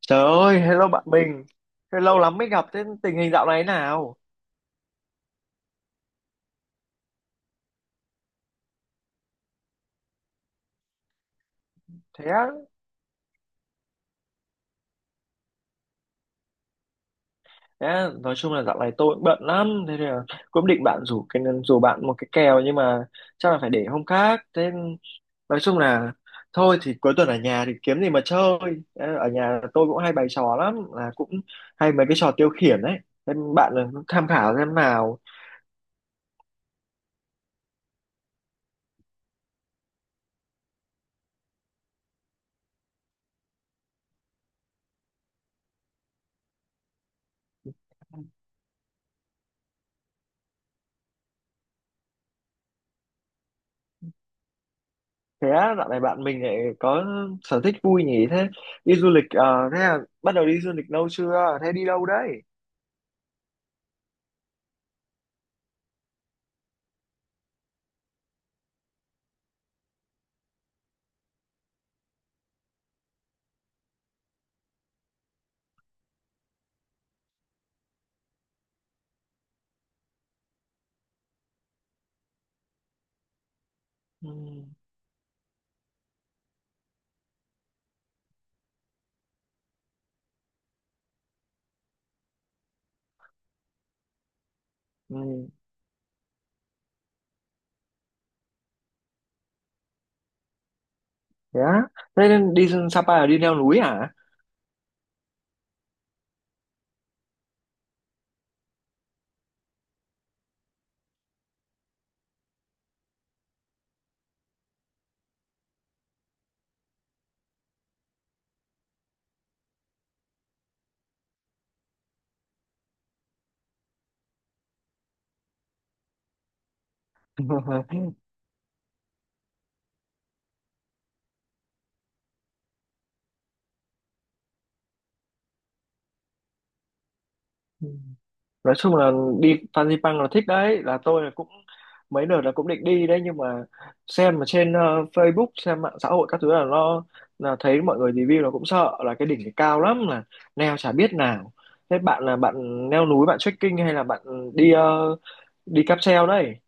Trời ơi, hello bạn mình. Thế lâu lắm mới gặp, thế tình hình dạo này nào? Thế á, thế á, nói chung là dạo này tôi cũng bận lắm, thế nên là cũng định bạn rủ cái rủ bạn một cái kèo nhưng mà chắc là phải để hôm khác. Thế nói chung là thôi thì cuối tuần ở nhà thì kiếm gì mà chơi. Thế ở nhà tôi cũng hay bày trò lắm, là cũng hay mấy cái trò tiêu khiển đấy. Thế bạn là tham khảo xem nào. Thế á, dạo này bạn mình lại có sở thích vui nhỉ? Thế đi du lịch, thế là bắt đầu đi du lịch lâu chưa? Thế đi đâu đấy? Ừ, ừ, thế á, thế nên đi Sapa là đi leo núi à? Ừ, nói chung là đi Fansipan là thích đấy, là tôi là cũng mấy đợt là cũng định đi đấy, nhưng mà xem mà trên Facebook, xem mạng xã hội các thứ, là nó là thấy mọi người review là cũng sợ là cái đỉnh thì cao lắm, là leo chả biết nào. Thế bạn là bạn leo núi, bạn trekking hay là bạn đi đi cáp treo đấy?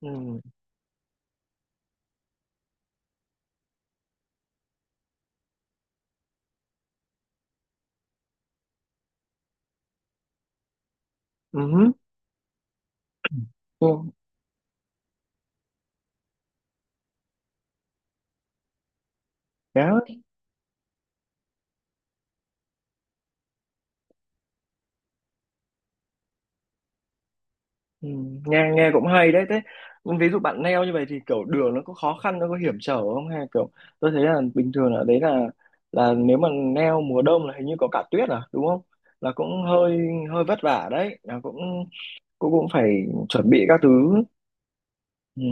Ừ. Ừ. Ừ. Thế á. Ừ, nghe nghe cũng hay đấy. Thế ví dụ bạn neo như vậy thì kiểu đường nó có khó khăn, nó có hiểm trở không, hay kiểu tôi thấy là bình thường ở đấy là nếu mà neo mùa đông là hình như có cả tuyết à, đúng không? Là cũng hơi hơi vất vả đấy, là cũng cũng cũng phải chuẩn bị các thứ. Ừ.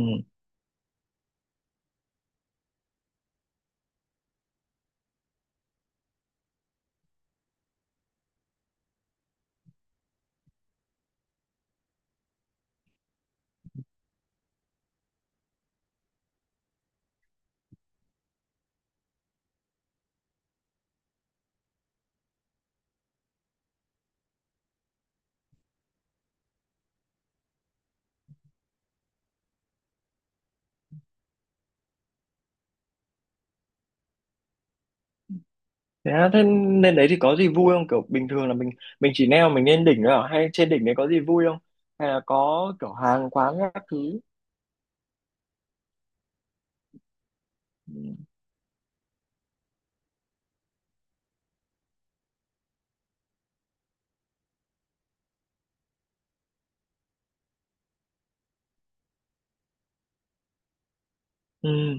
Thế, á, thế lên đấy thì có gì vui không, kiểu bình thường là mình chỉ neo mình lên đỉnh thôi à, hay trên đỉnh đấy có gì vui không, hay là có kiểu hàng quán các thứ? Ừ. Ừ.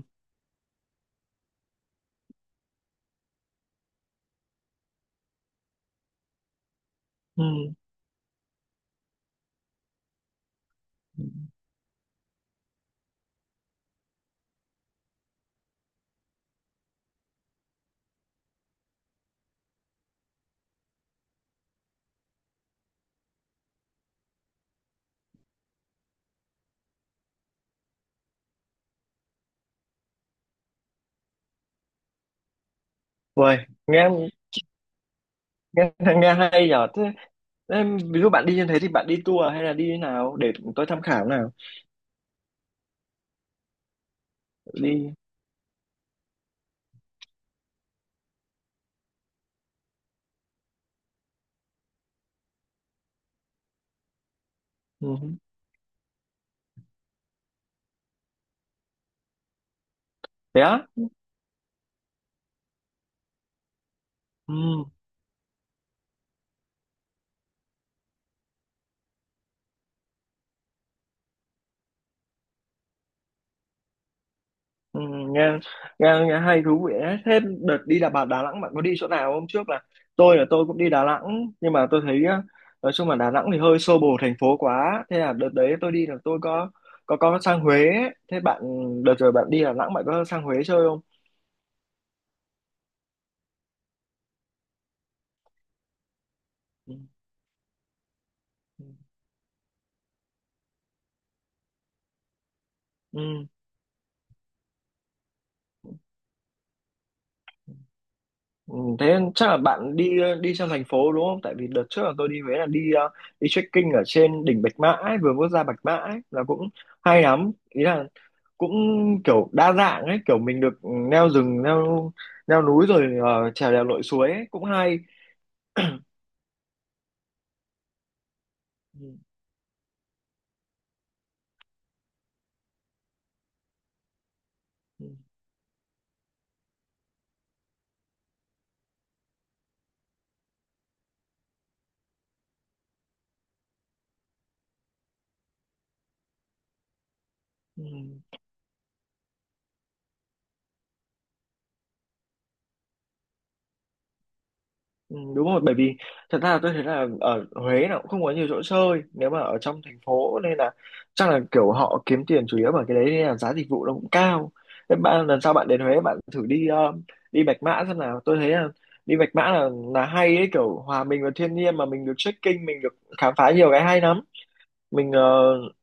Ừ. Uầy, nghe nghe nghe hay nhở. Thế em, ví dụ bạn đi như thế thì bạn đi tour hay là đi thế nào để tôi tham khảo nào? Đi. Ừ. Thế á. Ừ. Ừ. Nghe, nghe hay thú vị đấy. Thế đợt đi là bà Đà Nẵng bạn có đi chỗ nào? Hôm trước là tôi cũng đi Đà Nẵng, nhưng mà tôi thấy á, nói chung là Đà Nẵng thì hơi xô bồ, thành phố quá, thế là đợt đấy tôi đi là tôi có có sang Huế ấy. Thế bạn đợt rồi bạn đi Đà Nẵng bạn có sang Huế chơi không? Ừ. Ừ. Ừ. Ừ, thế nên chắc là bạn đi đi trong thành phố, đúng không? Tại vì đợt trước là tôi đi Huế là đi đi trekking ở trên đỉnh Bạch Mã ấy, vừa bước ra Bạch Mã ấy, là cũng hay lắm. Ý là cũng kiểu đa dạng ấy, kiểu mình được leo rừng, leo leo núi rồi trèo đèo lội suối ấy, cũng hay. Ừ, ừ, ừ. Ừ, đúng rồi, bởi vì thật ra là tôi thấy là ở Huế nó cũng không có nhiều chỗ chơi nếu mà ở trong thành phố, nên là chắc là kiểu họ kiếm tiền chủ yếu bởi cái đấy nên là giá dịch vụ nó cũng cao. Thế bạn lần sau bạn đến Huế bạn thử đi đi Bạch Mã xem nào, tôi thấy là đi Bạch Mã là hay ấy, kiểu hòa mình vào thiên nhiên mà mình được trekking, mình được khám phá nhiều cái hay lắm. Mình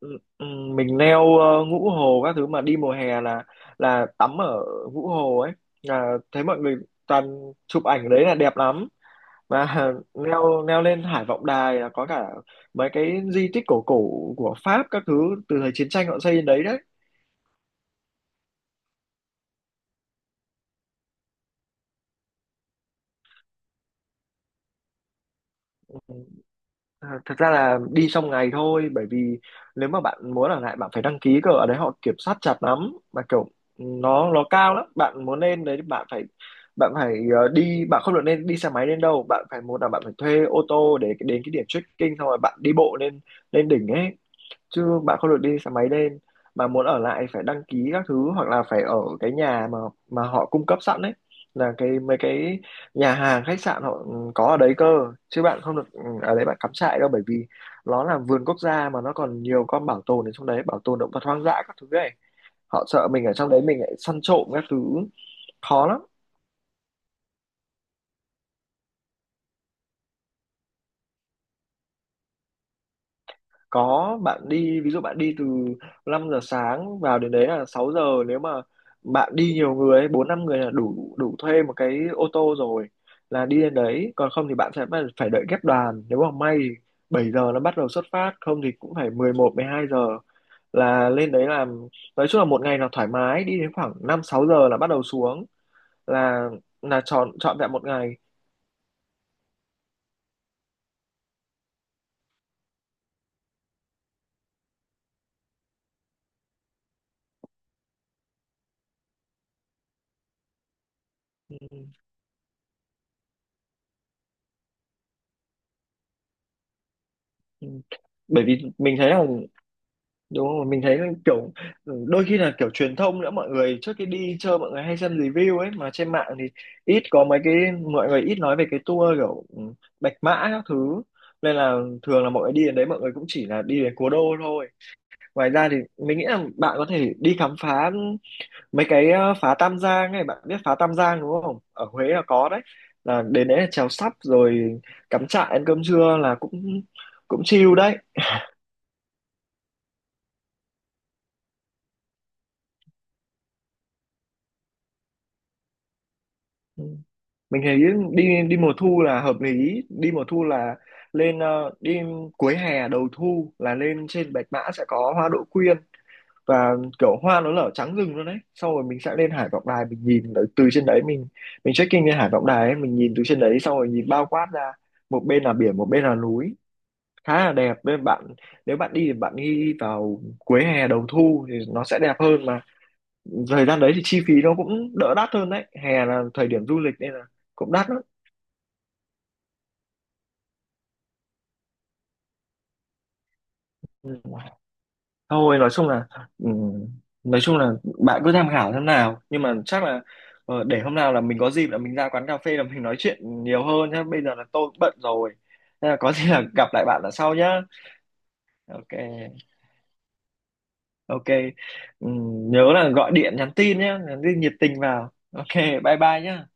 ừ, ừ, mình leo ngũ hồ các thứ, mà đi mùa hè là tắm ở ngũ hồ ấy, là thấy mọi người toàn chụp ảnh ở đấy là đẹp lắm. Và leo leo lên Hải Vọng Đài là có cả mấy cái di tích cổ cổ của Pháp các thứ, từ thời chiến tranh họ xây lên đấy đấy. À, thật ra là đi trong ngày thôi, bởi vì nếu mà bạn muốn ở lại bạn phải đăng ký cơ, ở đấy họ kiểm soát chặt lắm, mà kiểu ừ, nó cao lắm, bạn muốn lên đấy bạn phải đi bạn không được nên đi xe máy lên đâu, bạn phải, một là bạn phải thuê ô tô để đến cái điểm trekking, xong rồi bạn đi bộ lên lên đỉnh ấy, chứ bạn không được đi xe máy lên. Mà muốn ở lại phải đăng ký các thứ, hoặc là phải ở cái nhà mà họ cung cấp sẵn đấy, là cái mấy cái nhà hàng khách sạn họ ừ, có ở đấy cơ, chứ bạn không được ừ, ở đấy bạn cắm trại đâu, bởi vì nó là vườn quốc gia mà nó còn nhiều con bảo tồn ở trong đấy, bảo tồn động vật hoang dã các thứ ấy, họ sợ mình ở trong đấy mình lại săn trộm các thứ, khó lắm. Có, bạn đi, ví dụ bạn đi từ 5 giờ sáng, vào đến đấy là 6 giờ, nếu mà bạn đi nhiều người ấy, 4 5 người là đủ đủ thuê một cái ô tô rồi, là đi đến đấy, còn không thì bạn sẽ phải phải đợi ghép đoàn, nếu mà may thì 7 giờ nó bắt đầu xuất phát, không thì cũng phải mười một mười hai giờ là lên đấy làm. Nói chung là một ngày là thoải mái, đi đến khoảng 5 6 giờ là bắt đầu xuống, là là chọn chọn vẹn một ngày. Ừ, ừ. Bởi vì mình thấy là, đúng không, mình thấy kiểu ừ, đôi khi là kiểu truyền thông nữa, mọi người trước khi đi chơi mọi người hay xem review ấy mà trên mạng thì ít có mấy cái mọi người ít nói về cái tour kiểu ừ, Bạch Mã các thứ, nên là thường là mọi người đi đến đấy mọi người cũng chỉ là đi đến cố đô thôi. Ngoài ra thì mình nghĩ là bạn có thể đi khám phá mấy cái phá Tam Giang này, bạn biết phá Tam Giang đúng không, ở Huế là có đấy, là đến đấy là chèo sắp rồi cắm trại ăn cơm trưa là cũng cũng chill đấy. Ừ, mình thấy đi đi mùa thu là hợp lý, đi mùa thu là lên đi cuối hè đầu thu là lên trên Bạch Mã sẽ có hoa đỗ quyên, và kiểu hoa nó nở trắng rừng luôn đấy, xong rồi mình sẽ lên Hải Vọng Đài mình nhìn ở từ trên đấy, mình check-in lên Hải Vọng Đài ấy, mình nhìn từ trên đấy xong rồi nhìn bao quát ra, một bên là biển một bên là núi, khá là đẹp, nên bạn nếu bạn đi thì bạn đi vào cuối hè đầu thu thì nó sẽ đẹp hơn mà, thời gian đấy thì chi phí nó cũng đỡ đắt hơn đấy, hè là thời điểm du lịch nên là cũng đắt lắm. Ừ. Thôi nói chung là ừ, nói chung là bạn cứ tham khảo thế nào, nhưng mà chắc là để hôm nào là mình có dịp là mình ra quán cà phê là mình nói chuyện nhiều hơn nhá. Bây giờ là tôi cũng bận rồi. Nên là có gì là gặp lại bạn là sau nhá. Ok. Ok. Ừ, nhớ là gọi điện nhắn tin nhá, nhắn tin nhiệt tình vào. Ok, bye bye nhá.